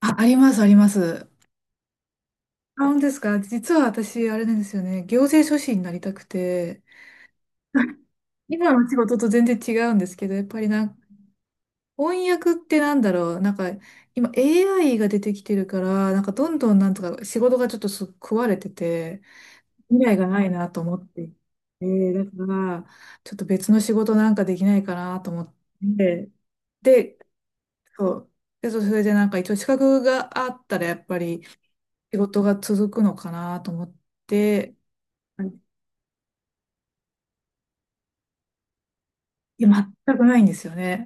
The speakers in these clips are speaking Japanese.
あ、あります、あります。あ、本当ですか？実は私、あれなんですよね。行政書士になりたくて、今の仕事と全然違うんですけど、やっぱりな、翻訳ってなんだろう。なんか、今 AI が出てきてるから、なんかどんどんなんとか仕事がちょっと食われてて、未来がないなと思っていて、だから、ちょっと別の仕事なんかできないかなと思って、で、そう。で、そう、それでなんか一応資格があったらやっぱり仕事が続くのかなと思って、いや、全くないんですよね。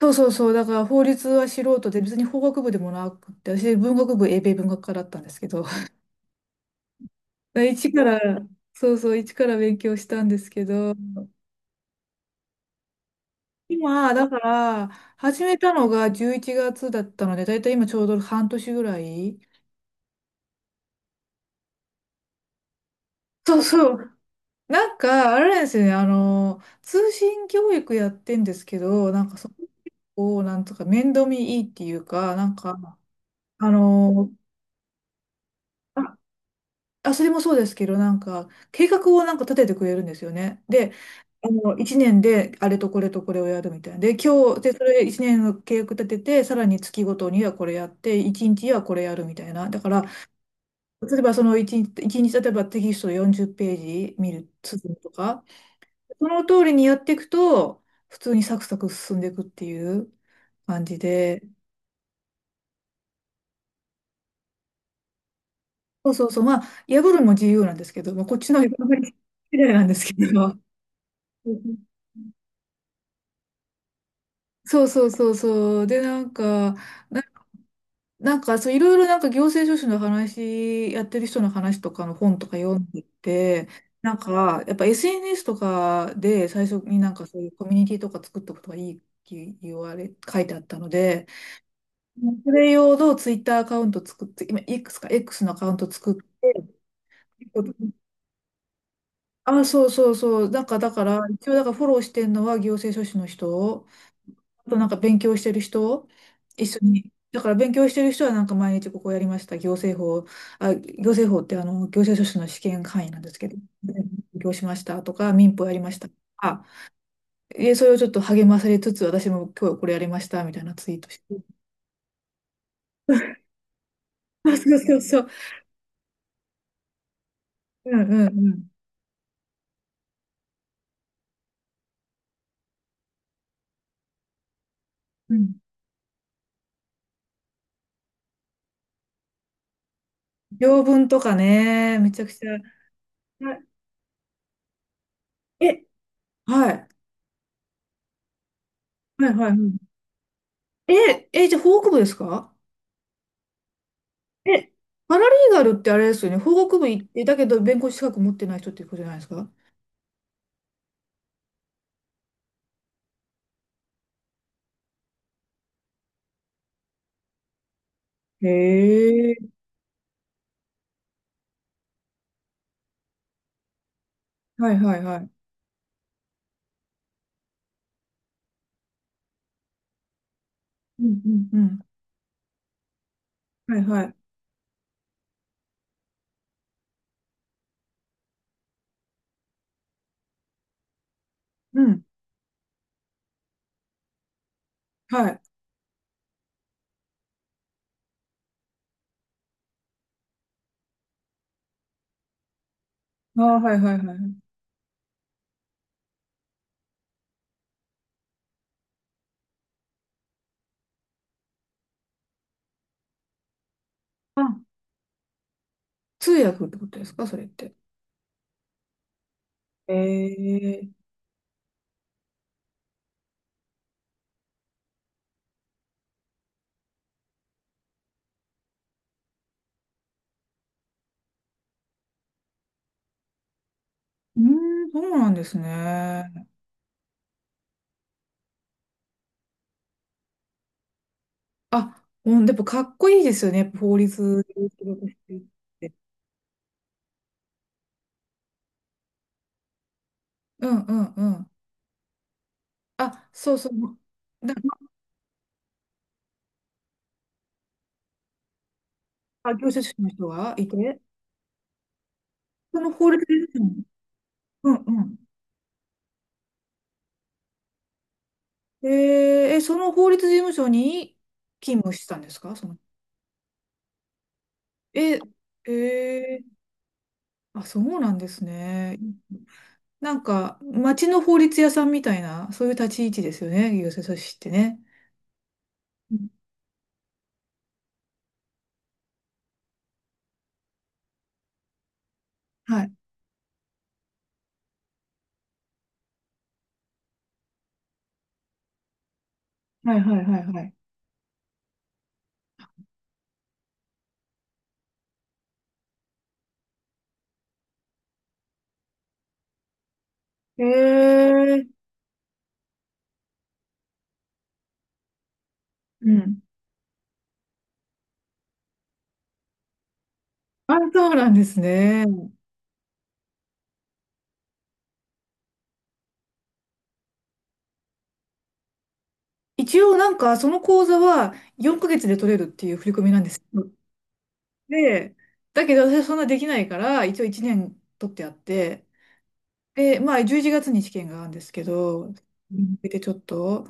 そうそうそう、だから法律は素人で、別に法学部でもなくて、私文学部、英米文学科だったんですけど、一から、そうそう、一から勉強したんですけど、今、だから、始めたのが11月だったので、だいたい今ちょうど半年ぐらい。そうそう、なんか、あれなんですよね、通信教育やってんですけど、なんかそこを、なんとか面倒見いいっていうか、なんか、あの、あ、あそれもそうですけど、なんか、計画をなんか立ててくれるんですよね。で、1年であれとこれとこれをやるみたいな。で、今日、で、それ1年の計画立てて、さらに月ごとにはこれやって、1日はこれやるみたいな。だから、例えばその1日、一日例えばテキスト40ページ見る、進むとか、その通りにやっていくと、普通にサクサク進んでいくっていう感じで、そうそうそう、まあ、破るのも自由なんですけど、まあ、こっちの破り次第なんですけど、そうそうそうそう、で、なんか、な、なんか、そう、いろいろなんか行政書士の話、やってる人の話とかの本とか読んでて、なんか、やっぱ SNS とかで最初になんかそういうコミュニティとか作っとくとかいいって言われ、書いてあったので、それ用のツイッターアカウント作って、今 X か X のアカウント作って、あ、そうそうそう。なんかだから、一応だからフォローしてるのは行政書士の人、あとなんか勉強してる人、一緒に。だから勉強してる人はなんか毎日ここやりました。行政法、あ、行政法ってあの、行政書士の試験範囲なんですけど、勉強しましたとか、民法やりましたとか、で、それをちょっと励まされつつ、私も今日これやりましたみたいなツイートして。あ、そうそうそう。うんうんうん。うん、条文とかね、めちゃくちゃ。はい、え、はい。はいはい。うん、え、え、じゃあ法学部ですか？え、パラリーガルってあれですよね。法学部行って、だけど弁護士資格持ってない人っていうことじゃないですか？へえ。はいはいはい。うんうんうん。はいはい。うん。はい。ああ、はいはいはい。あ、通訳ってことですか、それって？へえ。うーん、そうなんですね。あ、うん、でもかっこいいですよね。やっぱ法律で仕事してるって。うんうんうん。あ、そうそう。だ、あ、業者主の人がいて、その法律事務所に、うんうん。えー、え、その法律事務所に勤務してたんですか、その、え、えー、あ、そうなんですね。なんか、町の法律屋さんみたいな、そういう立ち位置ですよね、行政書士ってね。うん、はい。はいはいはいはい。ええ、うん。あ、そうなんですね。一応なんか、その講座は4ヶ月で取れるっていう振り込みなんです。で、だけど私はそんなできないから、一応1年取ってあって、で、まあ11月に試験があるんですけど、向けてちょっと、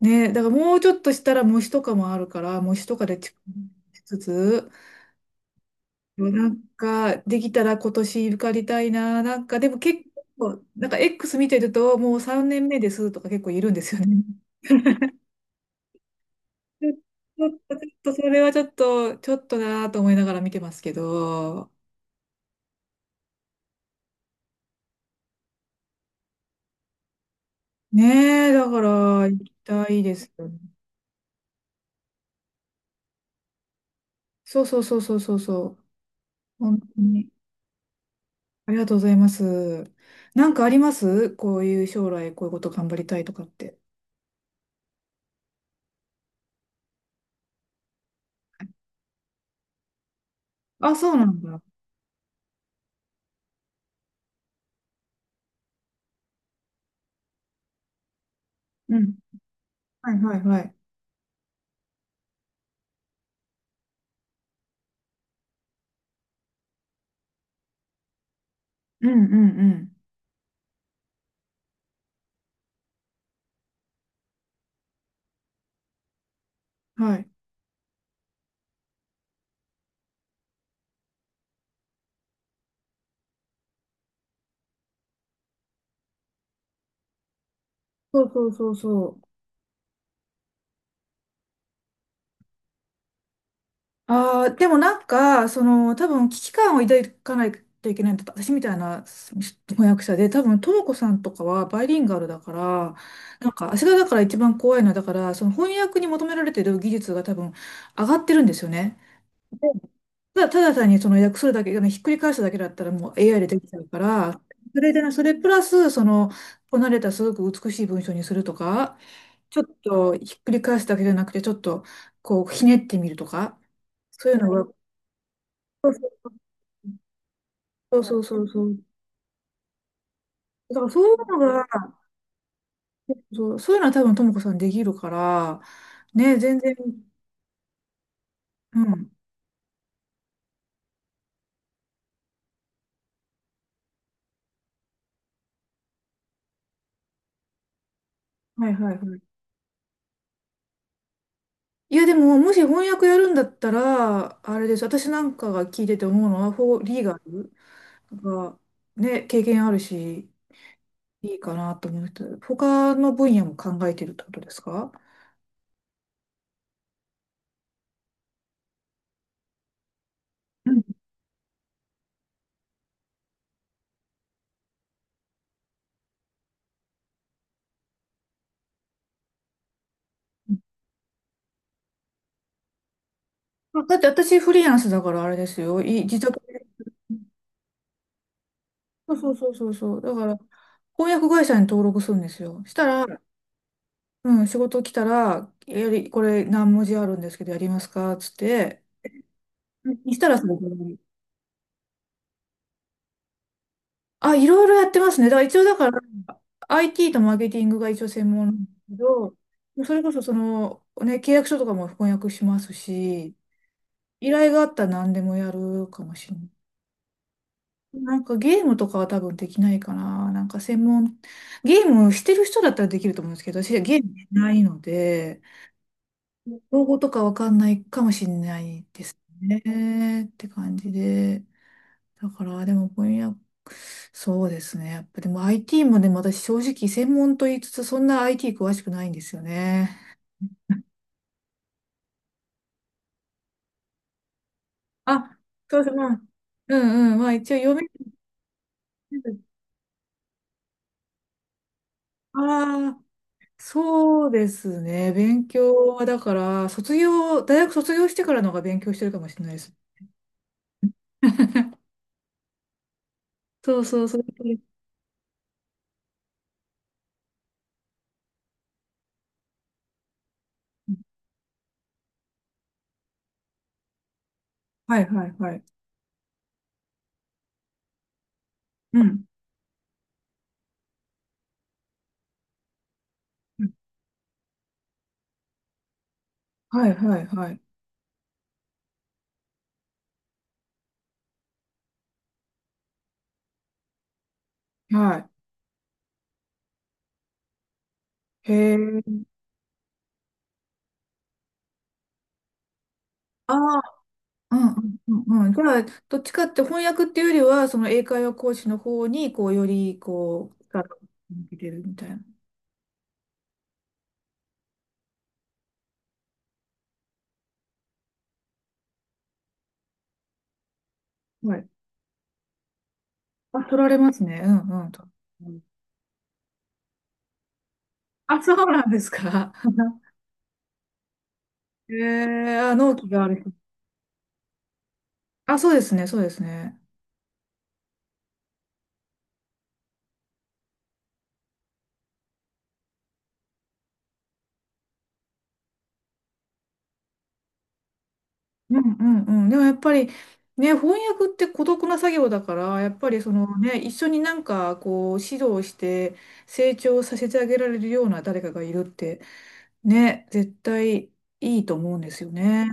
ね、だからもうちょっとしたら模試とかもあるから、模試とかでしつつ、でなんかできたら今年受かりたいな、なんかでも結構、なんか X 見てるともう3年目ですとか結構いるんですよね。ちょっと、ちょっとそれはちょっと、ちょっとなぁと思いながら見てますけど、ねえ、だから、行きたいですよね。そうそうそうそうそうそう。本当に。ありがとうございます。なんかありますこういう将来こういうこと頑張りたいとかって？あ、そうなんだ。うん。はいはいはい。うんうんうん。はい。そうそうそうそう。ああ、でもなんか、その、多分危機感を抱かないといけないんだった。私みたいな翻訳者で、多分、ともこさんとかはバイリンガルだから、なんか、私がだから一番怖いのは、だから、その翻訳に求められてる技術が多分上がってるんですよね。ただ、ただ単にその訳するだけ、あのひっくり返すだけだったらもう AI でできちゃうから、それでね、それプラス、その、こなれたすごく美しい文章にするとか、ちょっとひっくり返すだけじゃなくて、ちょっとこう、ひねってみるとか、そういうのが、そうそうそうそう。だからそういうのが、そう、そういうのは多分ともこさんできるから、ね、全然、うん。はいはいはい。いやでも、もし翻訳やるんだったら、あれです。私なんかが聞いてて思うのは、フォーリーガル。だからね、経験あるし、いいかなと思うと他の分野も考えてるってことですか？うん、あ、だって私フリーランスだからあれですよ。自宅で。そうそうそうそうそう。だから、翻訳会社に登録するんですよ。したら、うん、仕事来たら、これ何文字あるんですけどやりますかっつって、うん、したらそれで、あ、いろいろやってますね。だから一応だから、IT とマーケティングが一応専門なんですけど、もうそれこそその、ね、契約書とかも翻訳しますし、依頼があったら何でもやるかもしれない。なんかゲームとかは多分できないかな。なんか専門、ゲームしてる人だったらできると思うんですけど、私はゲームしないので、用語とかわかんないかもしれないですね。って感じで。だから、でも、翻訳、そうですね。やっぱ、でも IT もね、私正直専門と言いつつ、そんな IT 詳しくないんですよね。あ、そうです。まあ、うんうん。まあ、一応読める。ああ、そうですね。勉強は、だから、大学卒業してからの方が勉強してるかもしれないです。そうそうそう。はいはいはい。うん。うん、はいはいはい。はい。へえ。ああ。うんうんうんうん。だから、どっちかって翻訳っていうよりは、その英会話講師の方に、こう、より、こう、力を向けてるみたいな。はい。あ、取られますね。うんうん。あ、そうなんですか？へえー、あ、納期がある。あ、そうですね、そうですね。うんうんうん。でもやっぱりね、翻訳って孤独な作業だから、やっぱりそのね、一緒になんかこう指導して成長させてあげられるような誰かがいるってね、絶対いいと思うんですよね。